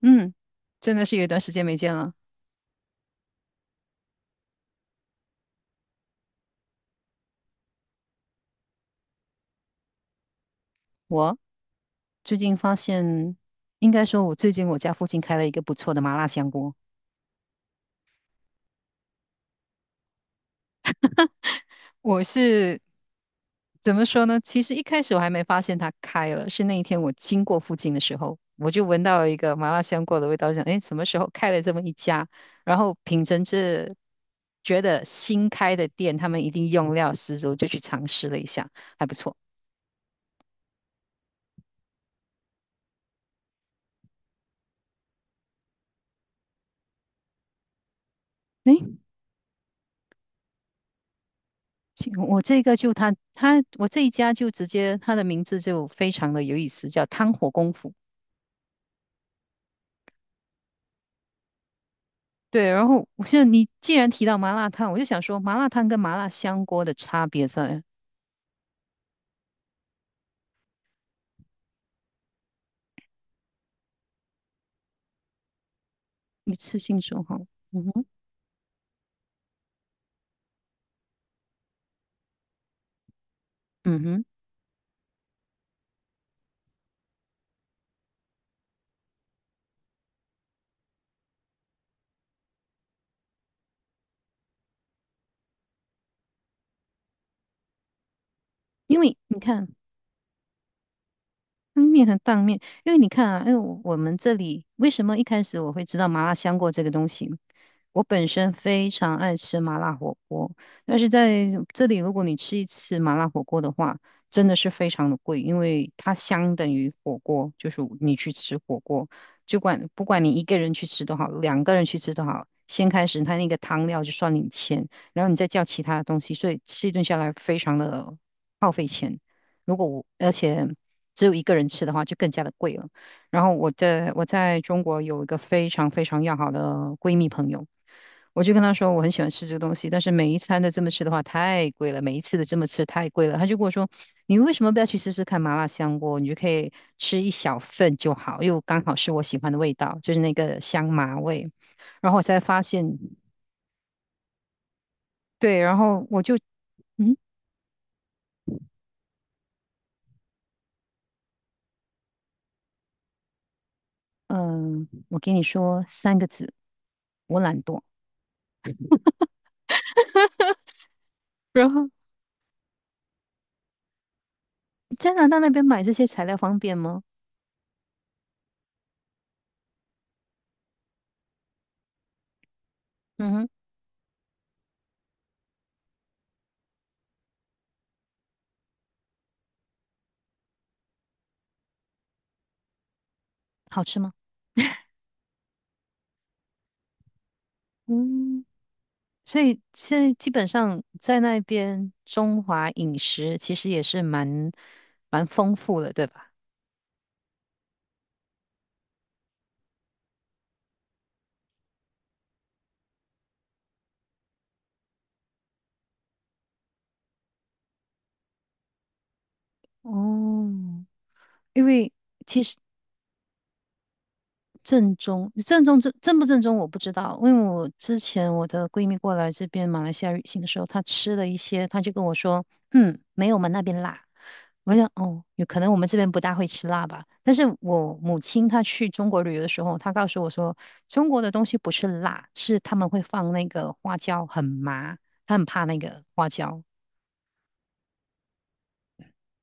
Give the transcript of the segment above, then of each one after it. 嗯，真的是有一段时间没见了。我最近发现，应该说，我家附近开了一个不错的麻辣香锅。我是怎么说呢？其实一开始我还没发现它开了，是那一天我经过附近的时候，我就闻到一个麻辣香锅的味道，想，哎什么时候开了这么一家？然后品尝这觉得新开的店，他们一定用料十足，就去尝试了一下，还不错。哎。请我这个就他我这一家就直接他的名字就非常的有意思，叫汤火功夫。对，然后我现在你既然提到麻辣烫，我就想说麻辣烫跟麻辣香锅的差别在一次性说哈，嗯哼，嗯哼，因为你看。汤面和当面，因为你看啊，因为我们这里为什么一开始我会知道麻辣香锅这个东西？我本身非常爱吃麻辣火锅，但是在这里，如果你吃一次麻辣火锅的话，真的是非常的贵，因为它相等于火锅，就是你去吃火锅，不管你一个人去吃都好，两个人去吃都好，先开始它那个汤料就算你钱，然后你再叫其他的东西，所以吃一顿下来非常的耗费钱。如果我而且只有一个人吃的话，就更加的贵了。然后我在中国有一个非常非常要好的闺蜜朋友，我就跟她说我很喜欢吃这个东西，但是每一餐都这么吃的话太贵了，每一次都这么吃太贵了。她就跟我说，你为什么不要去试试看麻辣香锅？你就可以吃一小份就好，又刚好是我喜欢的味道，就是那个香麻味。然后我才发现，对，然后我就嗯嗯、呃我跟你说三个字，我懒惰。然后。加拿大那边买这些材料方便吗？嗯哼，好吃吗？嗯，所以现在基本上在那边中华饮食其实也是蛮丰富的，对吧？哦，因为正不正宗我不知道，因为我之前我的闺蜜过来这边马来西亚旅行的时候，她吃了一些，她就跟我说，嗯，没有我们那边辣。我想，哦，有可能我们这边不大会吃辣吧。但是我母亲她去中国旅游的时候，她告诉我说，中国的东西不是辣，是他们会放那个花椒，很麻，她很怕那个花椒。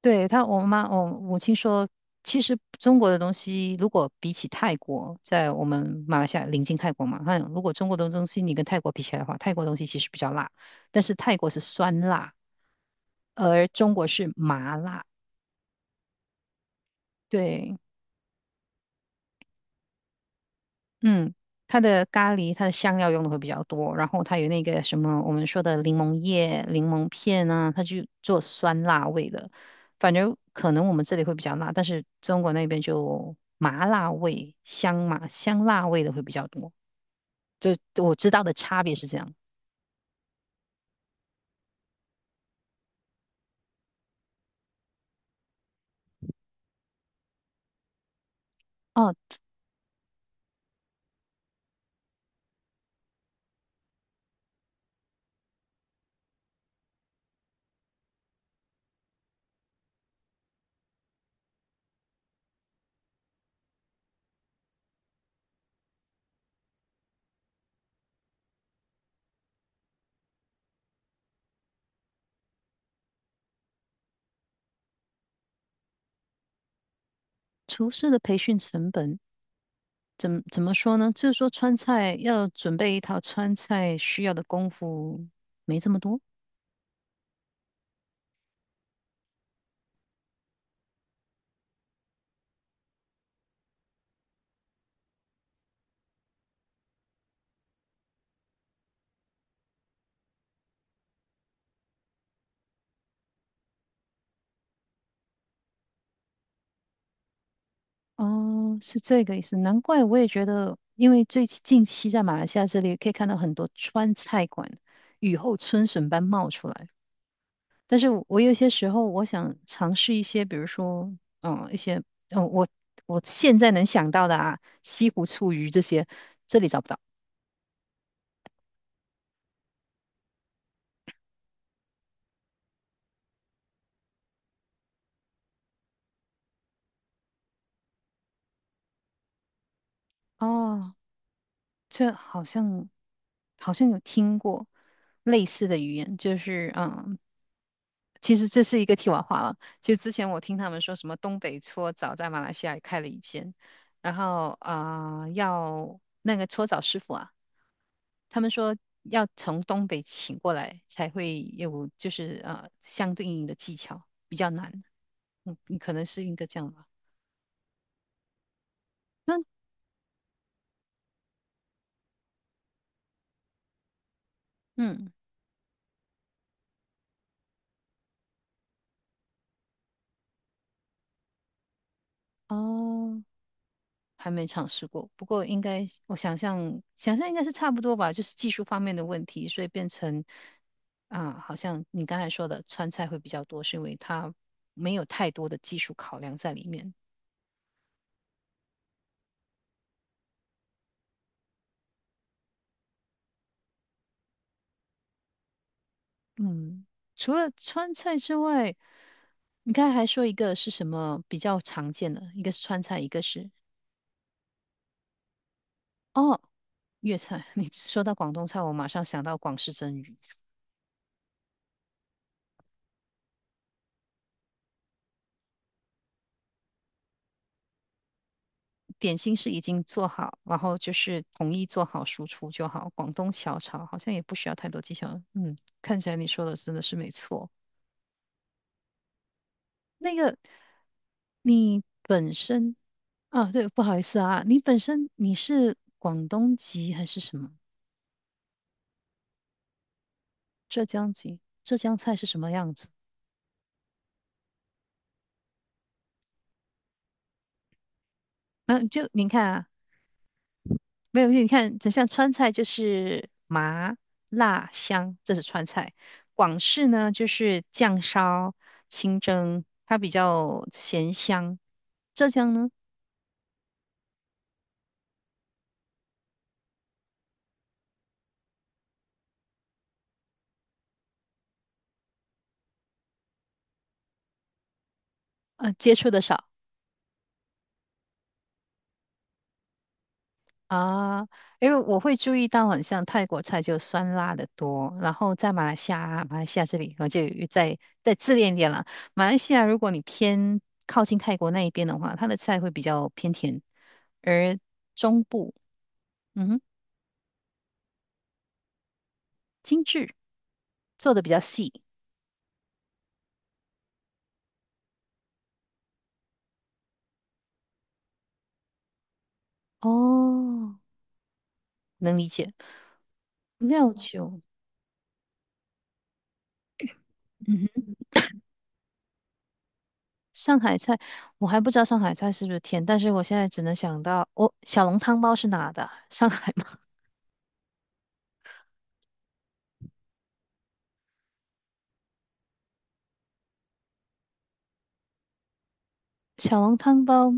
对，她，我妈，我母亲说，其实中国的东西，如果比起泰国，在我们马来西亚临近泰国嘛，她讲如果中国的东西你跟泰国比起来的话，泰国东西其实比较辣，但是泰国是酸辣，而中国是麻辣。对，嗯，它的咖喱，它的香料用的会比较多，然后它有那个什么我们说的柠檬叶、柠檬片啊，它就做酸辣味的。反正可能我们这里会比较辣，但是中国那边就麻辣味、香麻香辣味的会比较多。就我知道的差别是这样。哦，厨师的培训成本怎么说呢？就是说川菜要准备一套川菜需要的功夫没这么多。哦，是这个意思，难怪我也觉得，因为最近期在马来西亚这里可以看到很多川菜馆雨后春笋般冒出来。但是我有些时候我想尝试一些，比如说，一些，嗯，我我现在能想到的啊，西湖醋鱼这些，这里找不到。哦，这好像有听过类似的语言，就是其实这是一个题外话了。就之前我听他们说什么东北搓澡在马来西亚也开了一间，然后，要那个搓澡师傅啊，他们说要从东北请过来才会有，就是相对应的技巧比较难。嗯，你可能是应该这样吧。那嗯哦。还没尝试过，不过应该我想象想象应该是差不多吧，就是技术方面的问题，所以变成啊，好像你刚才说的川菜会比较多，是因为它没有太多的技术考量在里面。嗯，除了川菜之外，你刚才还说一个是什么比较常见的，一个是川菜，一个是哦粤菜。你说到广东菜，我马上想到广式蒸鱼。点心是已经做好，然后就是统一做好输出就好。广东小炒好像也不需要太多技巧。嗯，看起来你说的真的是没错。那个你本身啊，对，不好意思啊，你本身你是广东籍还是什么？浙江籍？浙江菜是什么样子？嗯、就您看啊，没有，你看，像川菜就是麻辣香，这是川菜。广式呢就是酱烧、清蒸，它比较咸香。浙江呢，接触的少啊，因为我会注意到，很像泰国菜就酸辣的多，然后在马来西亚，马来西亚这里，我就有再自恋一点了。马来西亚，如果你偏靠近泰国那一边的话，它的菜会比较偏甜，而中部，嗯哼，精致。做的比较细。哦，能理解。料酒，嗯哼，上海菜，我还不知道上海菜是不是甜，但是我现在只能想到，我小笼汤包是哪的？上海吗？小笼汤包，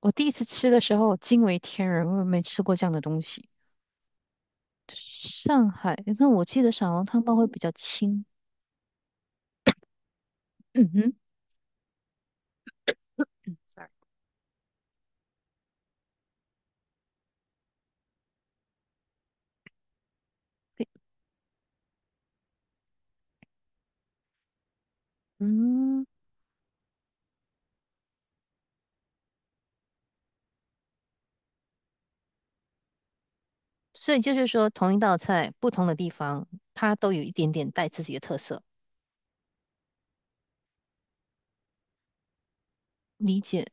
我第一次吃的时候惊为天人，我没吃过这样的东西。上海，那我记得小笼汤包会比较轻。嗯哼，sorry，嗯，所以就是说，同一道菜，不同的地方，它都有一点点带自己的特色。理解。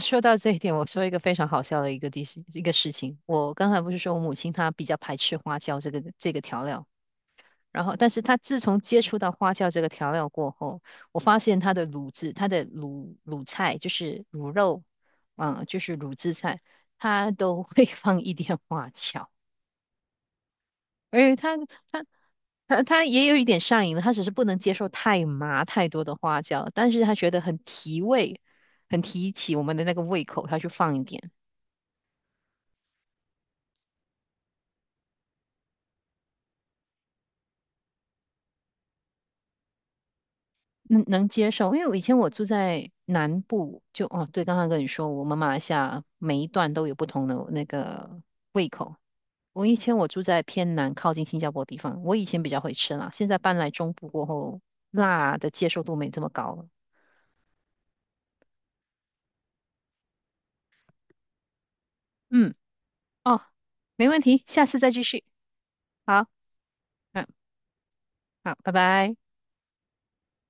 说到这一点，我说一个非常好笑的一个地事一个事情。我刚才不是说我母亲她比较排斥花椒这个调料，然后，但是她自从接触到花椒这个调料过后，我发现她的卤制，她的卤菜就是卤肉，嗯，就是卤制菜，她都会 放一点花椒，而且她她也有一点上瘾了，她只是不能接受太麻太多的花椒，但是她觉得很提味，很提起我们的那个胃口，她就放一点。能接受，因为我以前我住在南部，对，刚刚跟你说，我们马来西亚每一段都有不同的那个胃口。我以前我住在偏南，靠近新加坡地方，我以前比较会吃辣，现在搬来中部过后，辣的接受度没这么高了。嗯，哦，没问题，下次再继续。好，嗯，好，拜拜。